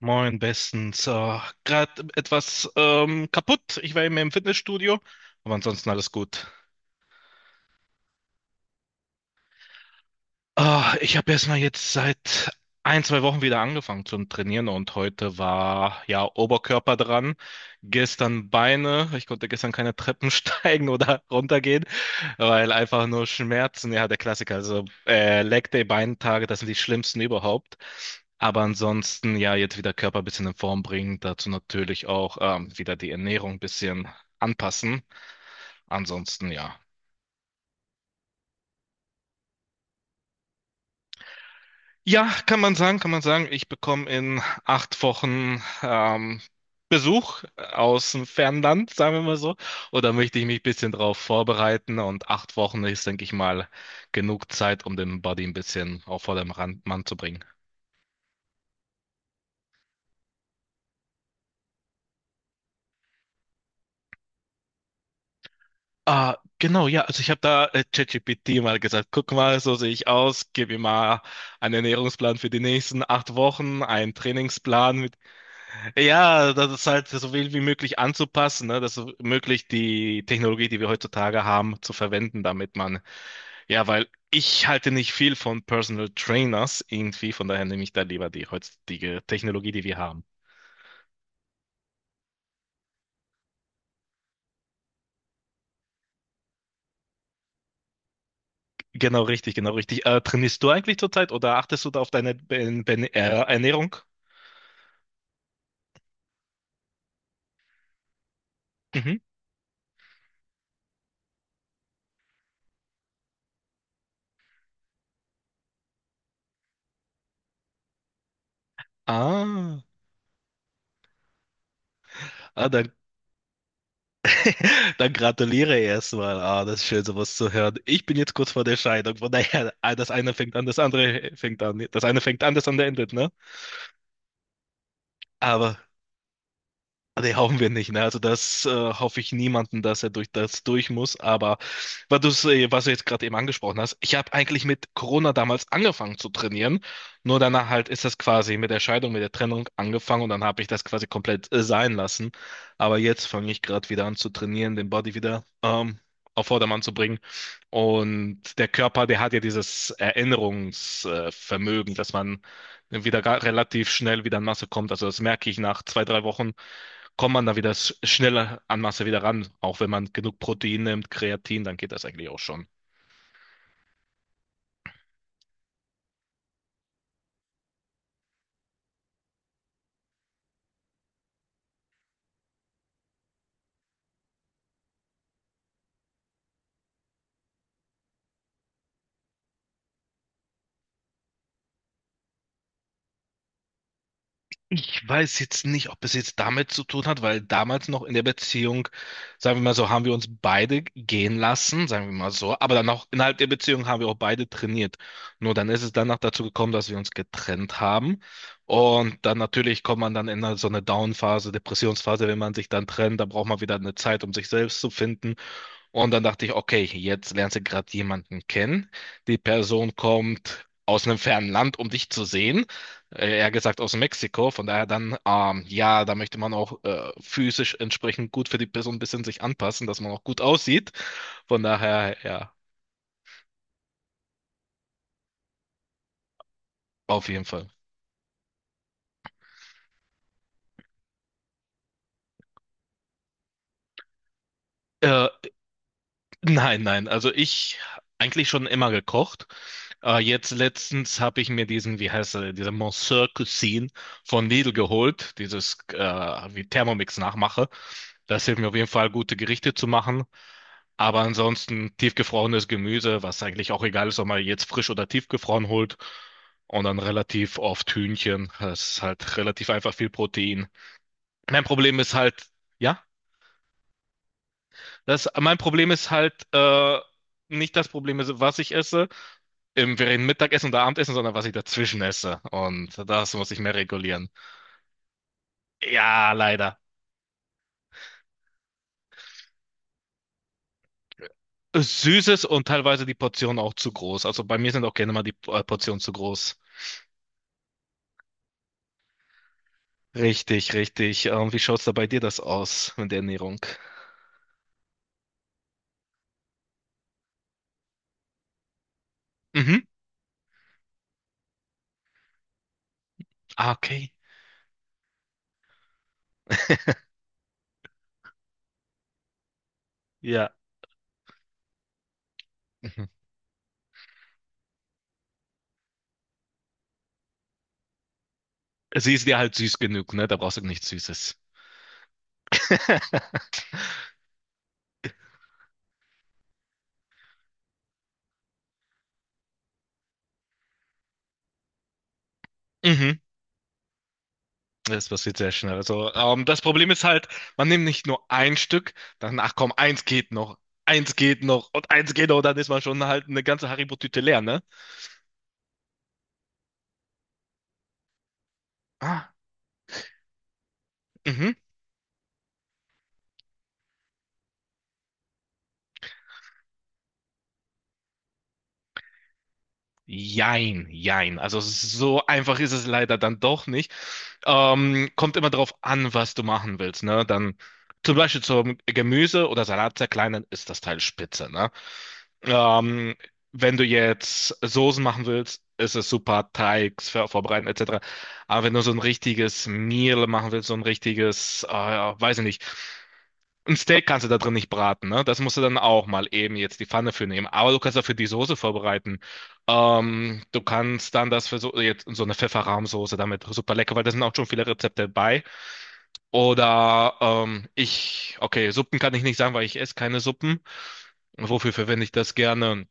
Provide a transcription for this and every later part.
Moin, bestens. Gerade etwas kaputt. Ich war eben im Fitnessstudio, aber ansonsten alles gut. Ah, ich habe erst mal jetzt seit ein, zwei Wochen wieder angefangen zum Trainieren, und heute war ja Oberkörper dran, gestern Beine. Ich konnte gestern keine Treppen steigen oder runtergehen, weil einfach nur Schmerzen. Ja, der Klassiker. Also Leg Day, Beintage, das sind die schlimmsten überhaupt. Aber ansonsten ja jetzt wieder Körper ein bisschen in Form bringen. Dazu natürlich auch wieder die Ernährung ein bisschen anpassen. Ansonsten ja. Ja, kann man sagen, kann man sagen. Ich bekomme in 8 Wochen Besuch aus dem Fernland, sagen wir mal so. Und da möchte ich mich ein bisschen drauf vorbereiten. Und 8 Wochen ist, denke ich mal, genug Zeit, um den Body ein bisschen auf vorderem Mann zu bringen. Ah, genau, ja. Also ich habe da ChatGPT mal gesagt, guck mal, so sehe ich aus. Gib mir mal einen Ernährungsplan für die nächsten 8 Wochen, einen Trainingsplan mit. Ja, das ist halt so viel wie möglich anzupassen, ne? Das so möglich die Technologie, die wir heutzutage haben, zu verwenden, damit man, ja, weil ich halte nicht viel von Personal Trainers irgendwie, von daher nehme ich da lieber die heutige Technologie, die wir haben. Genau richtig, genau richtig. Trainierst du eigentlich zurzeit oder achtest du da auf deine Ernährung? Mhm. Ah, ah, dann Dann gratuliere erstmal. Ah, das ist schön, sowas zu hören. Ich bin jetzt kurz vor der Scheidung. Von daher, ah, das eine fängt an, das andere fängt an. Das eine fängt an, das andere endet, ne? Aber ah, nee, hoffen wir nicht, ne? Also das hoffe ich niemanden, dass er durch das durch muss. Aber weil du was du jetzt gerade eben angesprochen hast, ich habe eigentlich mit Corona damals angefangen zu trainieren. Nur danach halt ist das quasi mit der Scheidung, mit der Trennung angefangen, und dann habe ich das quasi komplett sein lassen. Aber jetzt fange ich gerade wieder an zu trainieren, den Body wieder auf Vordermann zu bringen. Und der Körper, der hat ja dieses Erinnerungsvermögen, Vermögen, dass man wieder relativ schnell wieder in Masse kommt. Also das merke ich, nach zwei, drei Wochen kommt man da wieder schneller an Masse wieder ran. Auch wenn man genug Protein nimmt, Kreatin, dann geht das eigentlich auch schon. Ich weiß jetzt nicht, ob es jetzt damit zu tun hat, weil damals noch in der Beziehung, sagen wir mal so, haben wir uns beide gehen lassen, sagen wir mal so, aber dann auch innerhalb der Beziehung haben wir auch beide trainiert. Nur dann ist es danach dazu gekommen, dass wir uns getrennt haben. Und dann natürlich kommt man dann in so eine Down-Phase, Depressionsphase, wenn man sich dann trennt, dann braucht man wieder eine Zeit, um sich selbst zu finden. Und dann dachte ich, okay, jetzt lernst du gerade jemanden kennen. Die Person kommt aus einem fernen Land, um dich zu sehen. Eher gesagt aus Mexiko. Von daher dann, ja, da möchte man auch physisch entsprechend gut für die Person ein bisschen sich anpassen, dass man auch gut aussieht. Von daher, ja, auf jeden Fall. Äh, nein, nein, also ich eigentlich schon immer gekocht. Jetzt letztens habe ich mir diesen, wie heißt er, diese Monsieur Cuisine von Lidl geholt, dieses wie Thermomix nachmache. Das hilft mir auf jeden Fall, gute Gerichte zu machen. Aber ansonsten tiefgefrorenes Gemüse, was eigentlich auch egal ist, ob man jetzt frisch oder tiefgefroren holt. Und dann relativ oft Hühnchen. Das ist halt relativ einfach viel Protein. Mein Problem ist halt, ja, mein Problem ist halt, nicht das Problem ist, was ich esse, im, während Mittagessen oder Abendessen, sondern was ich dazwischen esse. Und das muss ich mehr regulieren. Ja, leider. Süßes und teilweise die Portionen auch zu groß. Also bei mir sind auch gerne mal die Portionen zu groß. Richtig, richtig. Wie schaut's da bei dir das aus mit der Ernährung? Mhm. Ah, okay. Ja. Mhm. Sie ist dir halt süß genug, ne? Da brauchst du nichts Süßes. Mhm. Das passiert sehr schnell. Also, das Problem ist halt, man nimmt nicht nur ein Stück, dann, ach komm, eins geht noch und eins geht noch, dann ist man schon halt eine ganze Haribo-Tüte leer, ne? Ah, mhm. Jein, jein. Also so einfach ist es leider dann doch nicht. Kommt immer drauf an, was du machen willst, ne? Dann zum Beispiel zum Gemüse oder Salat zerkleinern ist das Teil spitze, ne? Ähm, Wenn du jetzt Soßen machen willst, ist es super, Teig vorbereiten etc. Aber wenn du so ein richtiges Meal machen willst, so ein richtiges, weiß ich nicht, ein Steak kannst du da drin nicht braten, ne? Das musst du dann auch mal eben jetzt die Pfanne für nehmen. Aber du kannst dafür die Soße vorbereiten. Du kannst dann das für so, jetzt so eine Pfefferrahmsoße damit super lecker, weil da sind auch schon viele Rezepte bei. Oder ich, okay, Suppen kann ich nicht sagen, weil ich esse keine Suppen. Wofür verwende ich das gerne?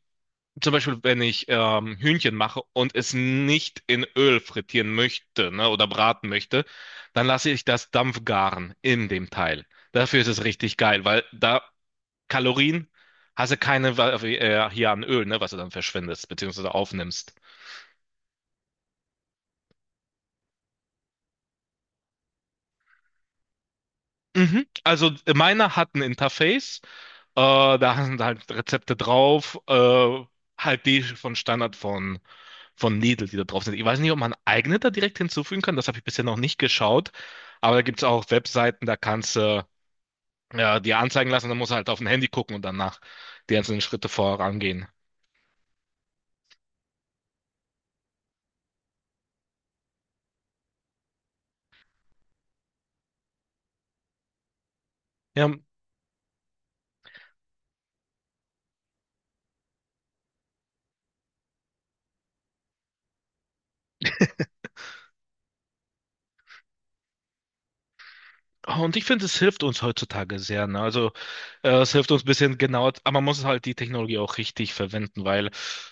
Zum Beispiel, wenn ich Hühnchen mache und es nicht in Öl frittieren möchte, ne, oder braten möchte, dann lasse ich das Dampfgaren in dem Teil. Dafür ist es richtig geil, weil da Kalorien hast du keine hier an Öl, ne, was du dann verschwendest, beziehungsweise aufnimmst. Mhm. Also meine hat ein Interface. Da sind halt Rezepte drauf, halt die von Standard von Lidl, die da drauf sind. Ich weiß nicht, ob man eigene da direkt hinzufügen kann, das habe ich bisher noch nicht geschaut, aber da gibt es auch Webseiten, da kannst du dir anzeigen lassen, dann musst du halt auf dem Handy gucken und danach die einzelnen Schritte vorangehen. Ja, ah, und ich finde, es hilft uns heutzutage sehr. Ne? Also es hilft uns ein bisschen genauer, aber man muss halt die Technologie auch richtig verwenden, weil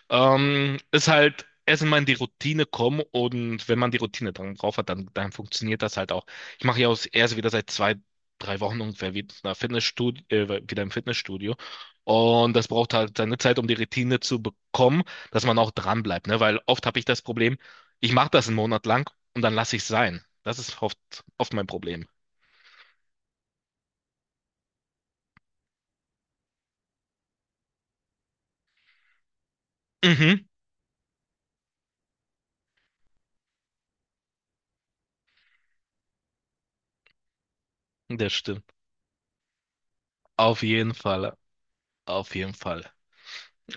es halt erst mal in die Routine kommen, und wenn man die Routine dann drauf hat, dann funktioniert das halt auch. Ich mache ja auch erst wieder seit zwei, drei Wochen ungefähr wieder, wieder im Fitnessstudio. Und das braucht halt seine Zeit, um die Routine zu bekommen, dass man auch dran bleibt, ne? Weil oft habe ich das Problem, ich mache das einen Monat lang und dann lasse ich es sein. Das ist oft, oft mein Problem. Mhm. Das stimmt. Auf jeden Fall. Auf jeden Fall.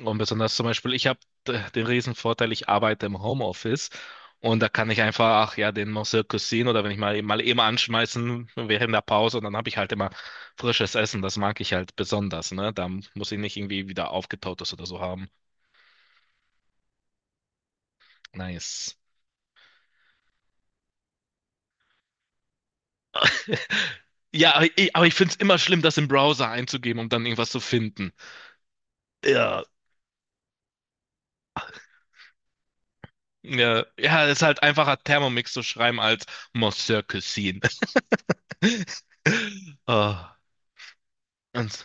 Und besonders zum Beispiel, ich habe den riesen Vorteil, ich arbeite im Homeoffice, und da kann ich einfach, ach ja, den Monsieur Cuisine oder wenn ich mal eben anschmeißen während der Pause, und dann habe ich halt immer frisches Essen. Das mag ich halt besonders, ne? Da muss ich nicht irgendwie wieder aufgetautes oder so haben. Nice. Ja, aber ich finde es immer schlimm, das im Browser einzugeben, um dann irgendwas zu finden. Ja. Ja, ja, ist halt einfacher Thermomix zu schreiben als Monsieur Cuisine. Ah, ans-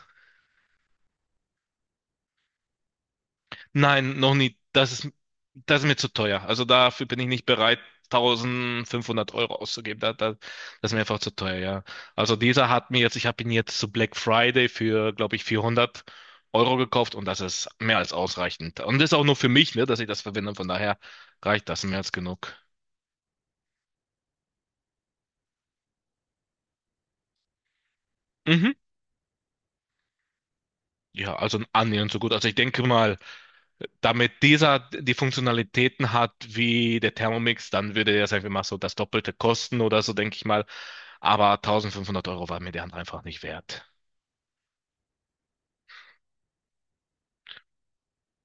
nein, noch nie. Das ist mir zu teuer. Also dafür bin ich nicht bereit, 1.500 Euro auszugeben. Da, das ist mir einfach zu teuer, ja. Also dieser hat mir jetzt, ich habe ihn jetzt zu Black Friday für, glaube ich, 400 Euro gekauft, und das ist mehr als ausreichend. Und das ist auch nur für mich, ne, dass ich das verwende. Von daher reicht das mehr als genug. Mhm. Ja, also annähernd so gut. Also ich denke mal, damit dieser die Funktionalitäten hat wie der Thermomix, dann würde der, sagen wir mal, so das Doppelte kosten oder so, denke ich mal. Aber 1.500 Euro war mir der andere einfach nicht wert.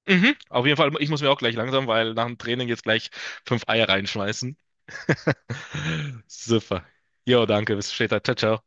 Mhm, auf jeden Fall, ich muss mir auch gleich langsam, weil nach dem Training jetzt gleich fünf Eier reinschmeißen. Super. Jo, danke, bis später. Ciao, ciao.